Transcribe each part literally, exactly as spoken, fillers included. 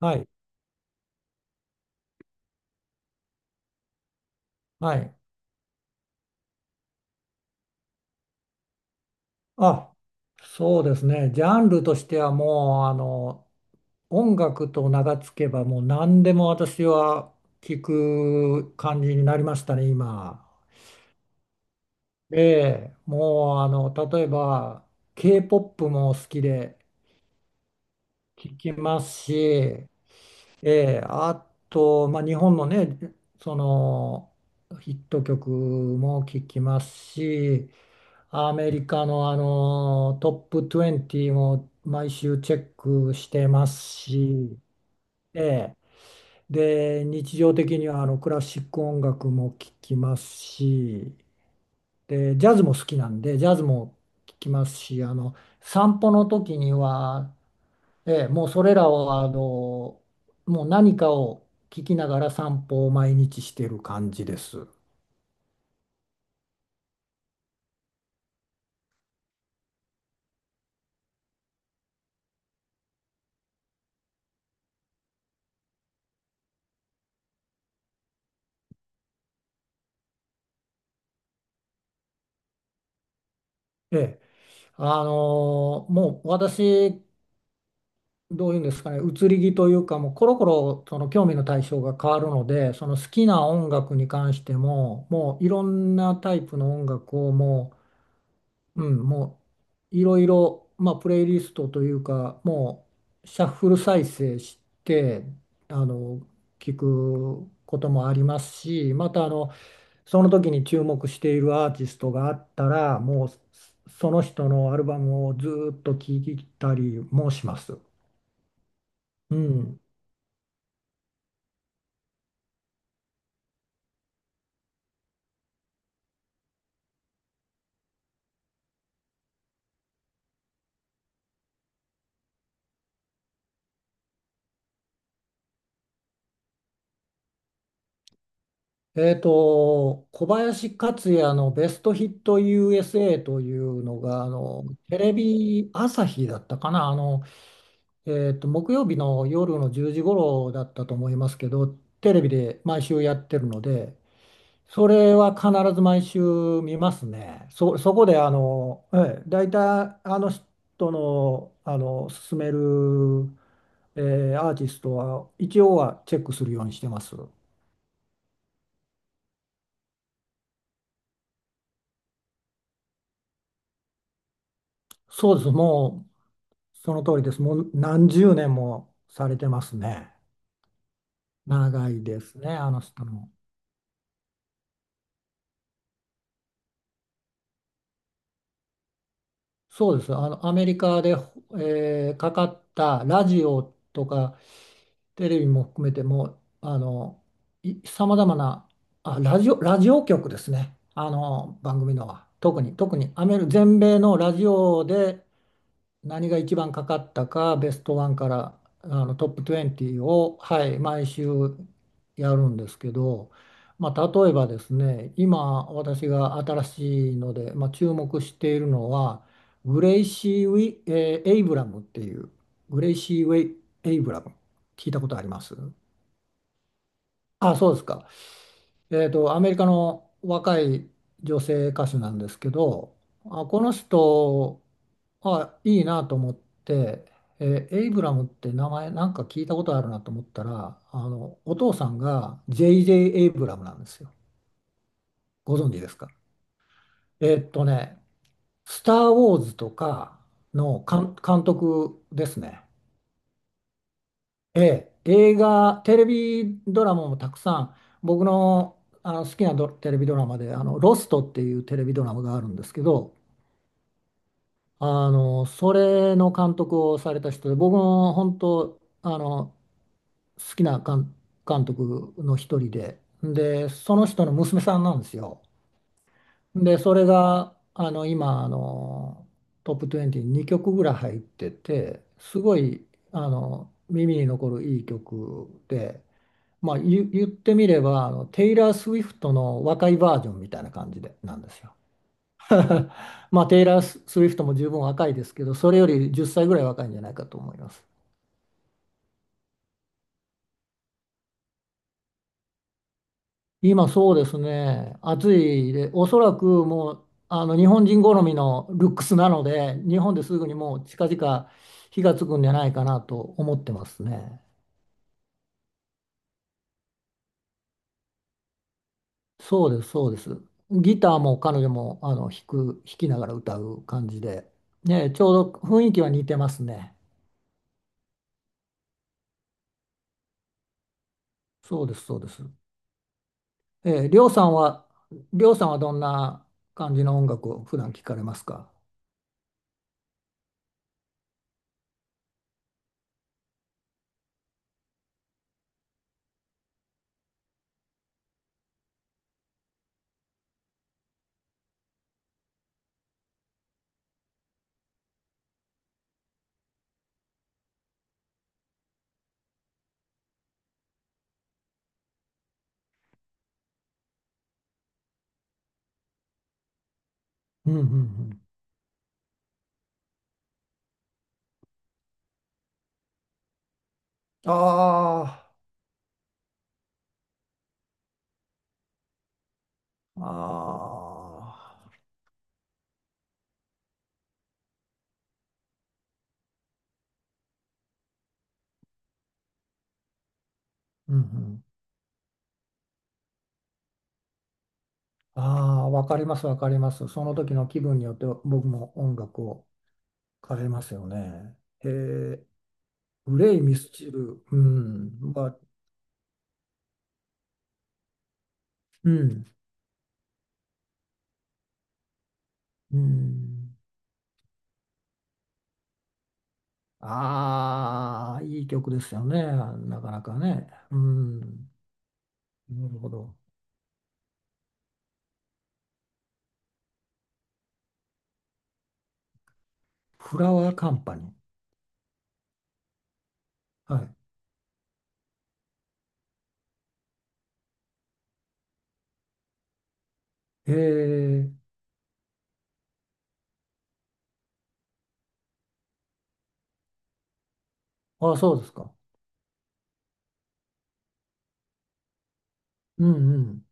はい、はい。あ、そうですね。ジャンルとしてはもう、あの、音楽と名が付けば、もう何でも私は聞く感じになりましたね、今。で、もう、あの、例えば、K-ポップ も好きで聞きますし、えーあと、まあ、日本のね、その、ヒット曲も聞きますし、アメリカの、あのトップトゥエンティも毎週チェックしてますし、ええで、日常的にはあのクラシック音楽も聴きますし、で、ジャズも好きなんで、ジャズも聴きますし、あの散歩の時には、ええもうそれらをあのもう何かを聴きながら散歩を毎日してる感じです。ええあのーもう私どういうんですかね、移り気というか、もうコロコロその興味の対象が変わるので、その好きな音楽に関しても、もういろんなタイプの音楽をもう、うん、もういろいろ、まあ、プレイリストというか、もうシャッフル再生して、あの、聞くこともありますし、またあの、その時に注目しているアーティストがあったら、もうその人のアルバムをずっと聴いたりもします。うん。えーと、小林克也のベストヒット ユーエスエー というのが、あの、テレビ朝日だったかな、あの、えーと、木曜日の夜のじゅうじ頃だったと思いますけど、テレビで毎週やってるので、それは必ず毎週見ますね。そ、そこで、あの、ええ、大体、あの人の、あの、勧める、えーアーティストは、一応はチェックするようにしてます。そうです。もその通りです。もう何十年もされてますね。長いですね、あの人も。そうです。あの、アメリカで、えーかかったラジオとかテレビも含めても、あの、さまざまな、あ、ラジオ、ラジオ局ですね。あの、番組のは。特に、特にアメリ、全米のラジオで何が一番かかったか、ベストワンからあのトップトゥエンティを、はい、毎週やるんですけど、まあ、例えばですね、今私が新しいので、まあ、注目しているのは、グレイシー・ウィ、えーエイブラムっていう、グレイシー・ウェイ・エイブラム、聞いたことあります？あ、そうですか。えーと、アメリカの若い女性歌手なんですけど、あ、この人、あ、いいなと思って、えーエイブラムって名前なんか聞いたことあるなと思ったら、あの、お父さんが ジェイジェイ エイブラムなんですよ。ご存知ですか？えーっとね、スター・ウォーズとかの監監督ですね。ええ、映画、テレビドラマもたくさん、僕の、あの好きなドテレビドラマで、あの、ロストっていうテレビドラマがあるんですけど、あの、それの監督をされた人で、僕も本当、あの、好きな監、監督の一人で、で、その人の娘さんなんですよ。で、それが、あの、今、あの、トップトゥエンティににきょくぐらい入ってて、すごい、あの、耳に残るいい曲で、まあ、言言ってみればあのテイラー・スウィフトの若いバージョンみたいな感じでなんですよ。まあテイラー・スウィフトも十分若いですけどそれよりじゅっさいぐらい若いんじゃないかと思います。今そうですね暑いでおそらくもうあの日本人好みのルックスなので日本ですぐにもう近々火がつくんじゃないかなと思ってますね。そうですそうです。ギターも彼女もあの弾く弾きながら歌う感じで、ね、ちょうど雰囲気は似てますね。そうです、そうです。えー、りょうさんは、りょうさんはどんな感じの音楽を普段聞かれますか？うんうんうん、ああ、ああ、うんうん、あ、ああ、わかります、わかります。その時の気分によって僕も音楽を変えますよね。へえ、グレイ・ミスチル、うん、は、うんうん、ああ、いい曲ですよね、なかなかね。うん、なるほど。フラワーカンパニー。はい。ええ、あ、そうですか。うんうん。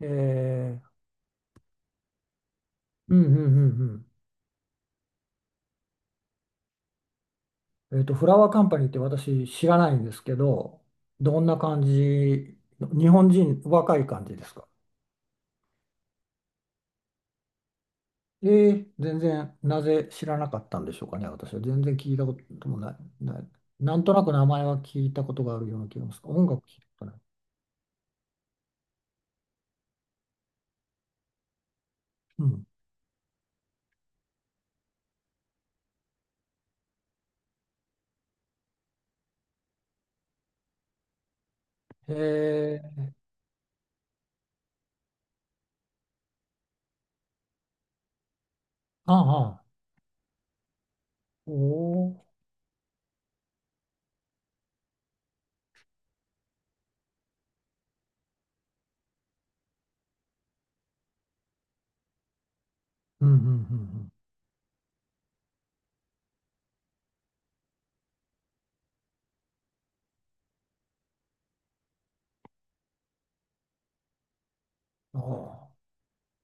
ええ、うんうんうんうん。えっと、フラワーカンパニーって私知らないんですけど、どんな感じ、日本人、若い感じですか？ええ、全然、なぜ知らなかったんでしょうかね、私は。全然聞いたこともない、ない。なんとなく名前は聞いたことがあるような気がします。音楽聞いたことない。うん。ええ、ああ、おおー。うんうんうんうん。あ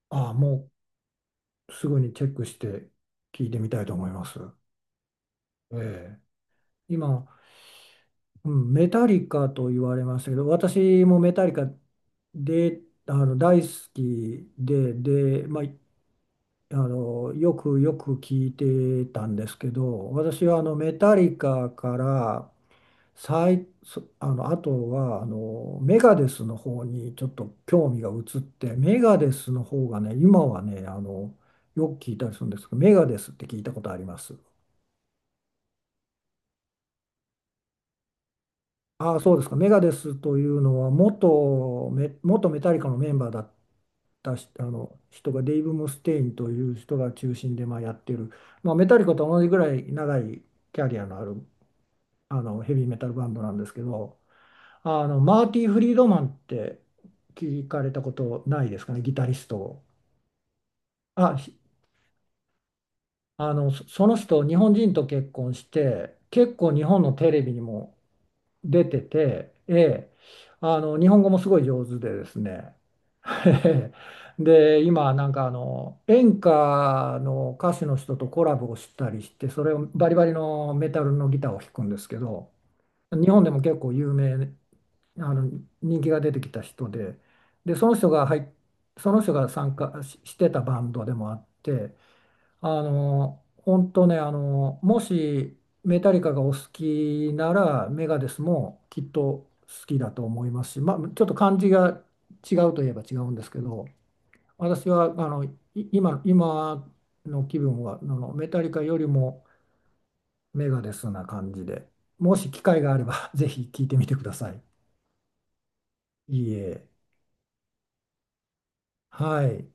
あ、ああ、もう。すぐにチェックして聞いてみたいと思います。ええ、今、うん、メタリカと言われましたけど、私もメタリカで、あの大好きで、で、まあ、あのよくよく聞いてたんですけど、私はあのメタリカから最、そあの、あとはあのメガデスの方にちょっと興味が移って、メガデスの方がね、今はね、あのよく聞いたりするんですけど、メガデスって聞いたことあります？ああ、そうですか。メガデスというのは元メ、元メタリカのメンバーだったしあの人がデイブ・ムステインという人が中心でまあやってる、まあ、メタリカと同じぐらい長いキャリアのあるあのヘビーメタルバンドなんですけど、あのマーティ・フリードマンって聞かれたことないですかね、ギタリストを。あ、ひあのそその人、日本人と結婚して、結構日本のテレビにも出てて、ええ、あの日本語もすごい上手でですね。で、今なんかあの演歌の歌手の人とコラボをしたりして、それをバリバリのメタルのギターを弾くんですけど、日本でも結構有名、あの人気が出てきた人で、で、その人が入っその人が参加ししてたバンドでもあって、あの、本当ね、あの、もしメタリカがお好きなら、メガデスもきっと好きだと思いますし、まあ、ちょっと感じが違うといえば違うんですけど、私はあの、い今、今の気分は、あの、メタリカよりもメガデスな感じで、もし機会があれば ぜひ聞いてみてください。いいえ。はい。